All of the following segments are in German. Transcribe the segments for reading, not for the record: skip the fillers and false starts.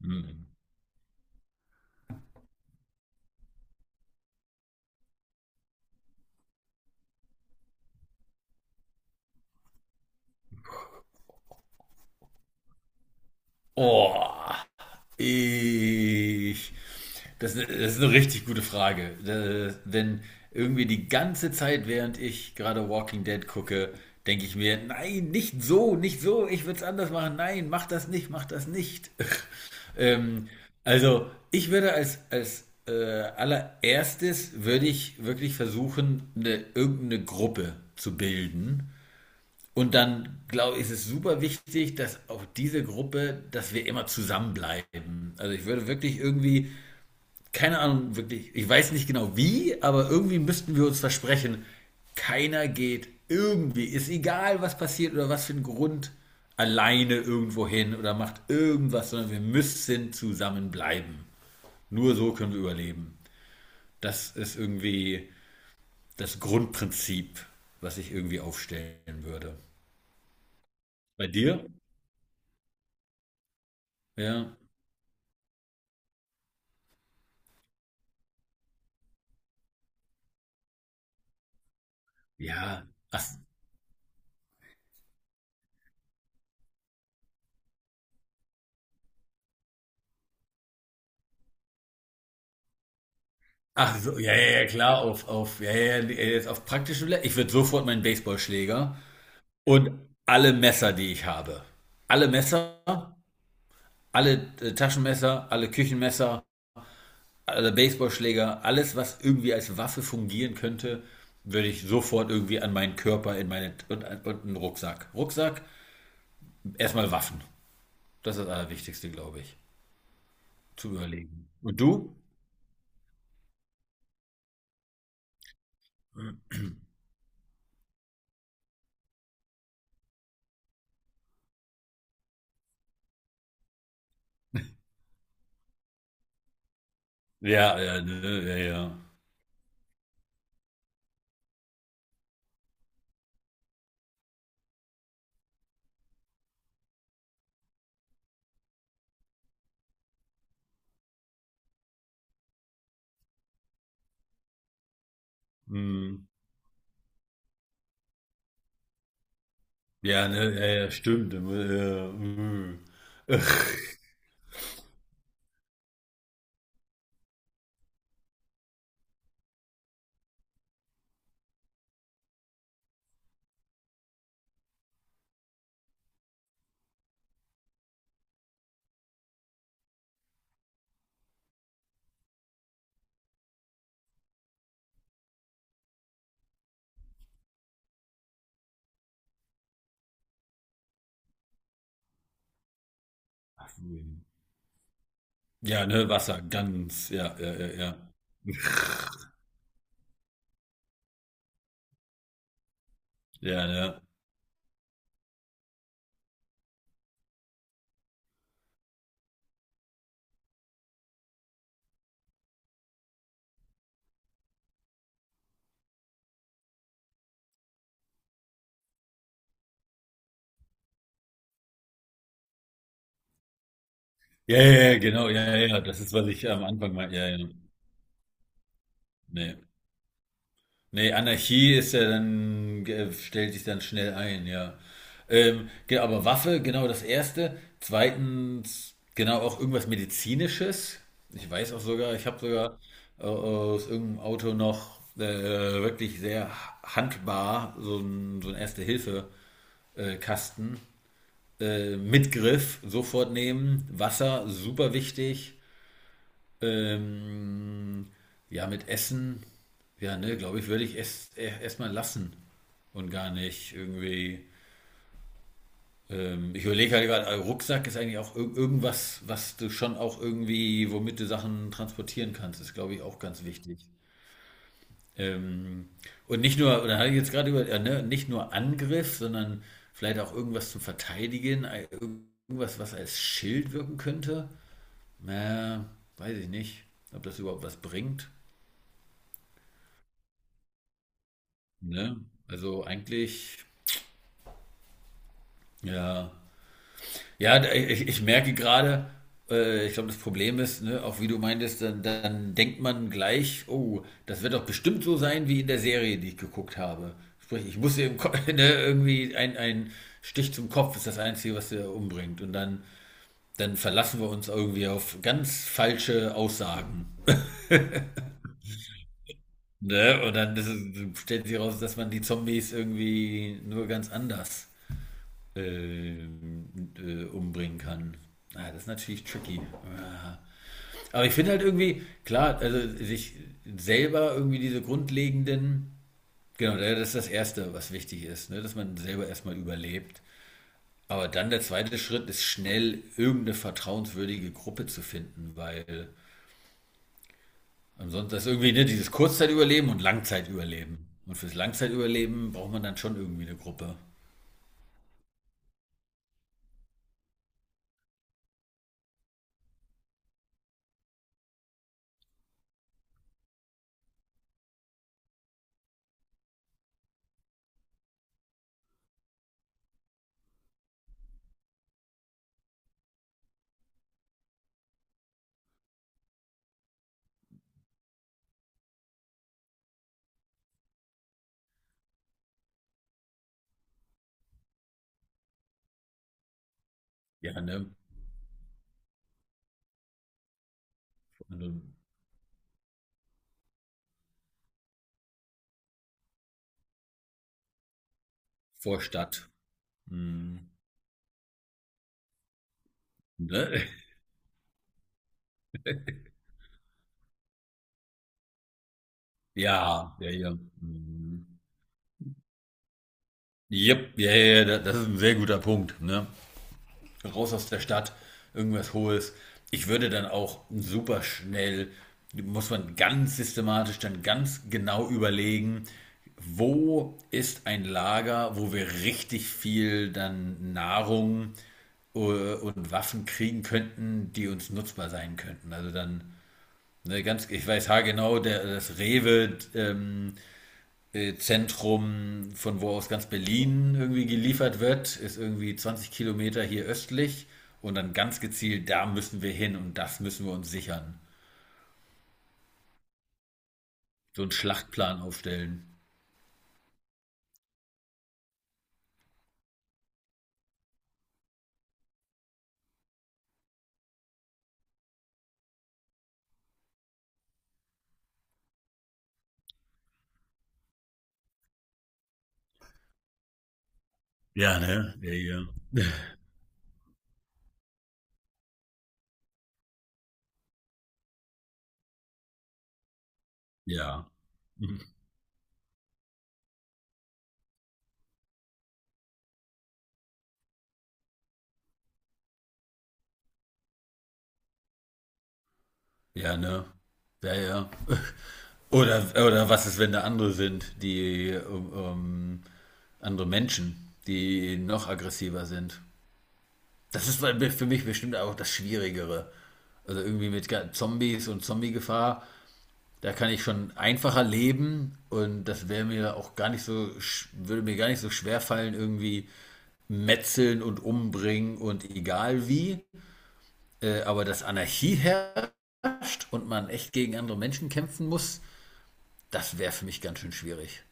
Mhm. Oh, ich. Das ist eine richtig gute Frage. Denn irgendwie die ganze Zeit, während ich gerade Walking Dead gucke, denke ich mir, nein, nicht so, nicht so, ich würde es anders machen. Nein, mach das nicht, mach das nicht. Ähm, also, ich würde als allererstes würde ich wirklich versuchen, eine, irgendeine Gruppe zu bilden. Und dann, glaube ich, ist es super wichtig, dass auch diese Gruppe, dass wir immer zusammenbleiben. Also ich würde wirklich irgendwie, keine Ahnung, wirklich, ich weiß nicht genau wie, aber irgendwie müssten wir uns versprechen, keiner geht irgendwie, ist egal, was passiert oder was für ein Grund, alleine irgendwo hin oder macht irgendwas, sondern wir müssen zusammenbleiben. Nur so können wir überleben. Das ist irgendwie das Grundprinzip, was ich irgendwie aufstellen würde. Bei dir? Ja. Ja, ach, ach so, ja, ja, ja, klar, ja, ja, ja, jetzt auf praktische Le Ich würde sofort meinen Baseballschläger und alle Messer, die ich habe. Alle Messer, alle Taschenmesser, alle Küchenmesser, alle Baseballschläger, alles, was irgendwie als Waffe fungieren könnte, würde ich sofort irgendwie an meinen Körper in meine, und einen Rucksack. Rucksack, erstmal Waffen. Das ist das Allerwichtigste, glaube ich, zu überlegen. Und du? Ja, ja, ne, ja, ja. Hm. Ja, ne, ja, ja, stimmt. Äh. Ja, ne, Wasser, ganz, ja, ja, ja, ja. Ja, ne. Ja, ja, ja, genau, ja, ja, ja, das ist, was ich am Anfang meinte. Ja, ja, ne. Nee, Anarchie ist ja dann, stellt sich dann schnell ein, ja. Aber Waffe, genau das Erste. Zweitens, genau auch irgendwas Medizinisches. Ich weiß auch sogar, ich habe sogar aus irgendeinem Auto noch wirklich sehr handbar so ein Erste-Hilfe-Kasten mit Griff, sofort nehmen. Wasser, super wichtig. Ähm, ja, mit Essen, ja, ne, glaube ich, würde ich es e, erstmal lassen und gar nicht irgendwie. Ich überlege halt gerade, Rucksack ist eigentlich auch irgendwas, was du schon auch irgendwie, womit du Sachen transportieren kannst, ist, glaube ich, auch ganz wichtig. Ähm, und nicht nur, oder hatte ich jetzt gerade über, ne, nicht nur Angriff, sondern vielleicht auch irgendwas zum Verteidigen, irgendwas, was als Schild wirken könnte. Na, weiß ich nicht, ob das überhaupt was bringt. Ne? Also eigentlich, ja. Ja, ich, ich merke gerade, ich glaube, das Problem ist, ne, auch wie du meintest, dann denkt man gleich, oh, das wird doch bestimmt so sein wie in der Serie, die ich geguckt habe. Sprich, ich muss eben ne, irgendwie ein Stich zum Kopf ist das Einzige, was der umbringt. Und dann, dann verlassen wir uns irgendwie auf ganz falsche Aussagen. Ne? Und dann ist es, stellt sich raus, dass man die Zombies irgendwie nur ganz anders äh, umbringen kann. Ah, das ist natürlich tricky. Ah. Aber ich finde halt irgendwie, klar, also sich selber irgendwie diese grundlegenden, genau, das ist das Erste, was wichtig ist, ne? Dass man selber erstmal überlebt. Aber dann der zweite Schritt ist schnell irgendeine vertrauenswürdige Gruppe zu finden, weil ansonsten ist irgendwie ne, dieses Kurzzeitüberleben und Langzeitüberleben. Und fürs Langzeitüberleben braucht man dann schon irgendwie eine Gruppe. Ja, ne? Eine Vorstadt. Hm. Ne? Ja, ja, ja. Mhm. Jep, ja, ja, ja, das ist ein sehr guter Punkt, ne? Raus aus der Stadt, irgendwas Hohes. Ich würde dann auch super schnell, muss man ganz systematisch dann ganz genau überlegen, wo ist ein Lager, wo wir richtig viel dann Nahrung äh, und Waffen kriegen könnten, die uns nutzbar sein könnten. Also dann, ne, ganz, ich weiß haargenau, der, das Rewe Zentrum, von wo aus ganz Berlin irgendwie geliefert wird, ist irgendwie 20 Kilometer hier östlich und dann ganz gezielt, da müssen wir hin und das müssen wir uns sichern. So einen Schlachtplan aufstellen. Ja, ne? Ja, ja. Ja. Ja, ne? Ja, ja. Oder was ist, wenn da andere sind, die andere Menschen, die noch aggressiver sind? Das ist für mich bestimmt auch das Schwierigere. Also irgendwie mit Zombies und Zombie-Gefahr, da kann ich schon einfacher leben und das wäre mir auch gar nicht so, würde mir gar nicht so schwer fallen, irgendwie metzeln und umbringen und egal wie. Aber dass Anarchie herrscht und man echt gegen andere Menschen kämpfen muss, das wäre für mich ganz schön schwierig.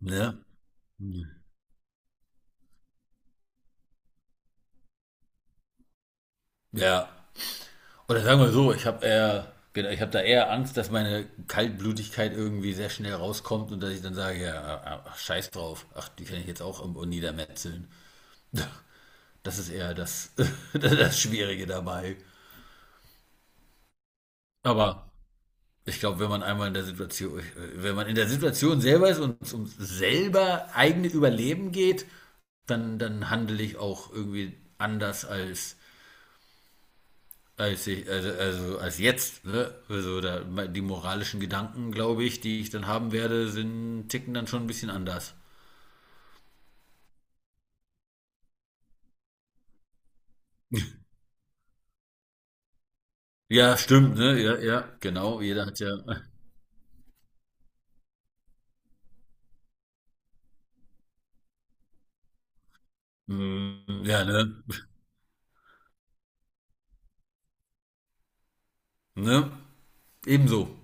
Ne? Ja. Oder sagen wir so, ich habe eher, genau, ich habe da eher Angst, dass meine Kaltblütigkeit irgendwie sehr schnell rauskommt und dass ich dann sage, ja, ah, ah, ach, scheiß drauf, ach, die kann ich jetzt auch irgendwo niedermetzeln. Das ist eher das, das Schwierige dabei. Aber ich glaube, wenn man einmal in der Situation, wenn man in der Situation selber ist und es um selber eigene Überleben geht, dann, dann handle ich auch irgendwie anders als als ich, also als jetzt, ne? Also da, die moralischen Gedanken, glaube ich, die ich dann haben werde, sind, ticken dann schon ein bisschen anders. Ja, stimmt, ne? Ja, ja, genau. Jeder hat ja. Mm, ja, ne? Ne? Ebenso.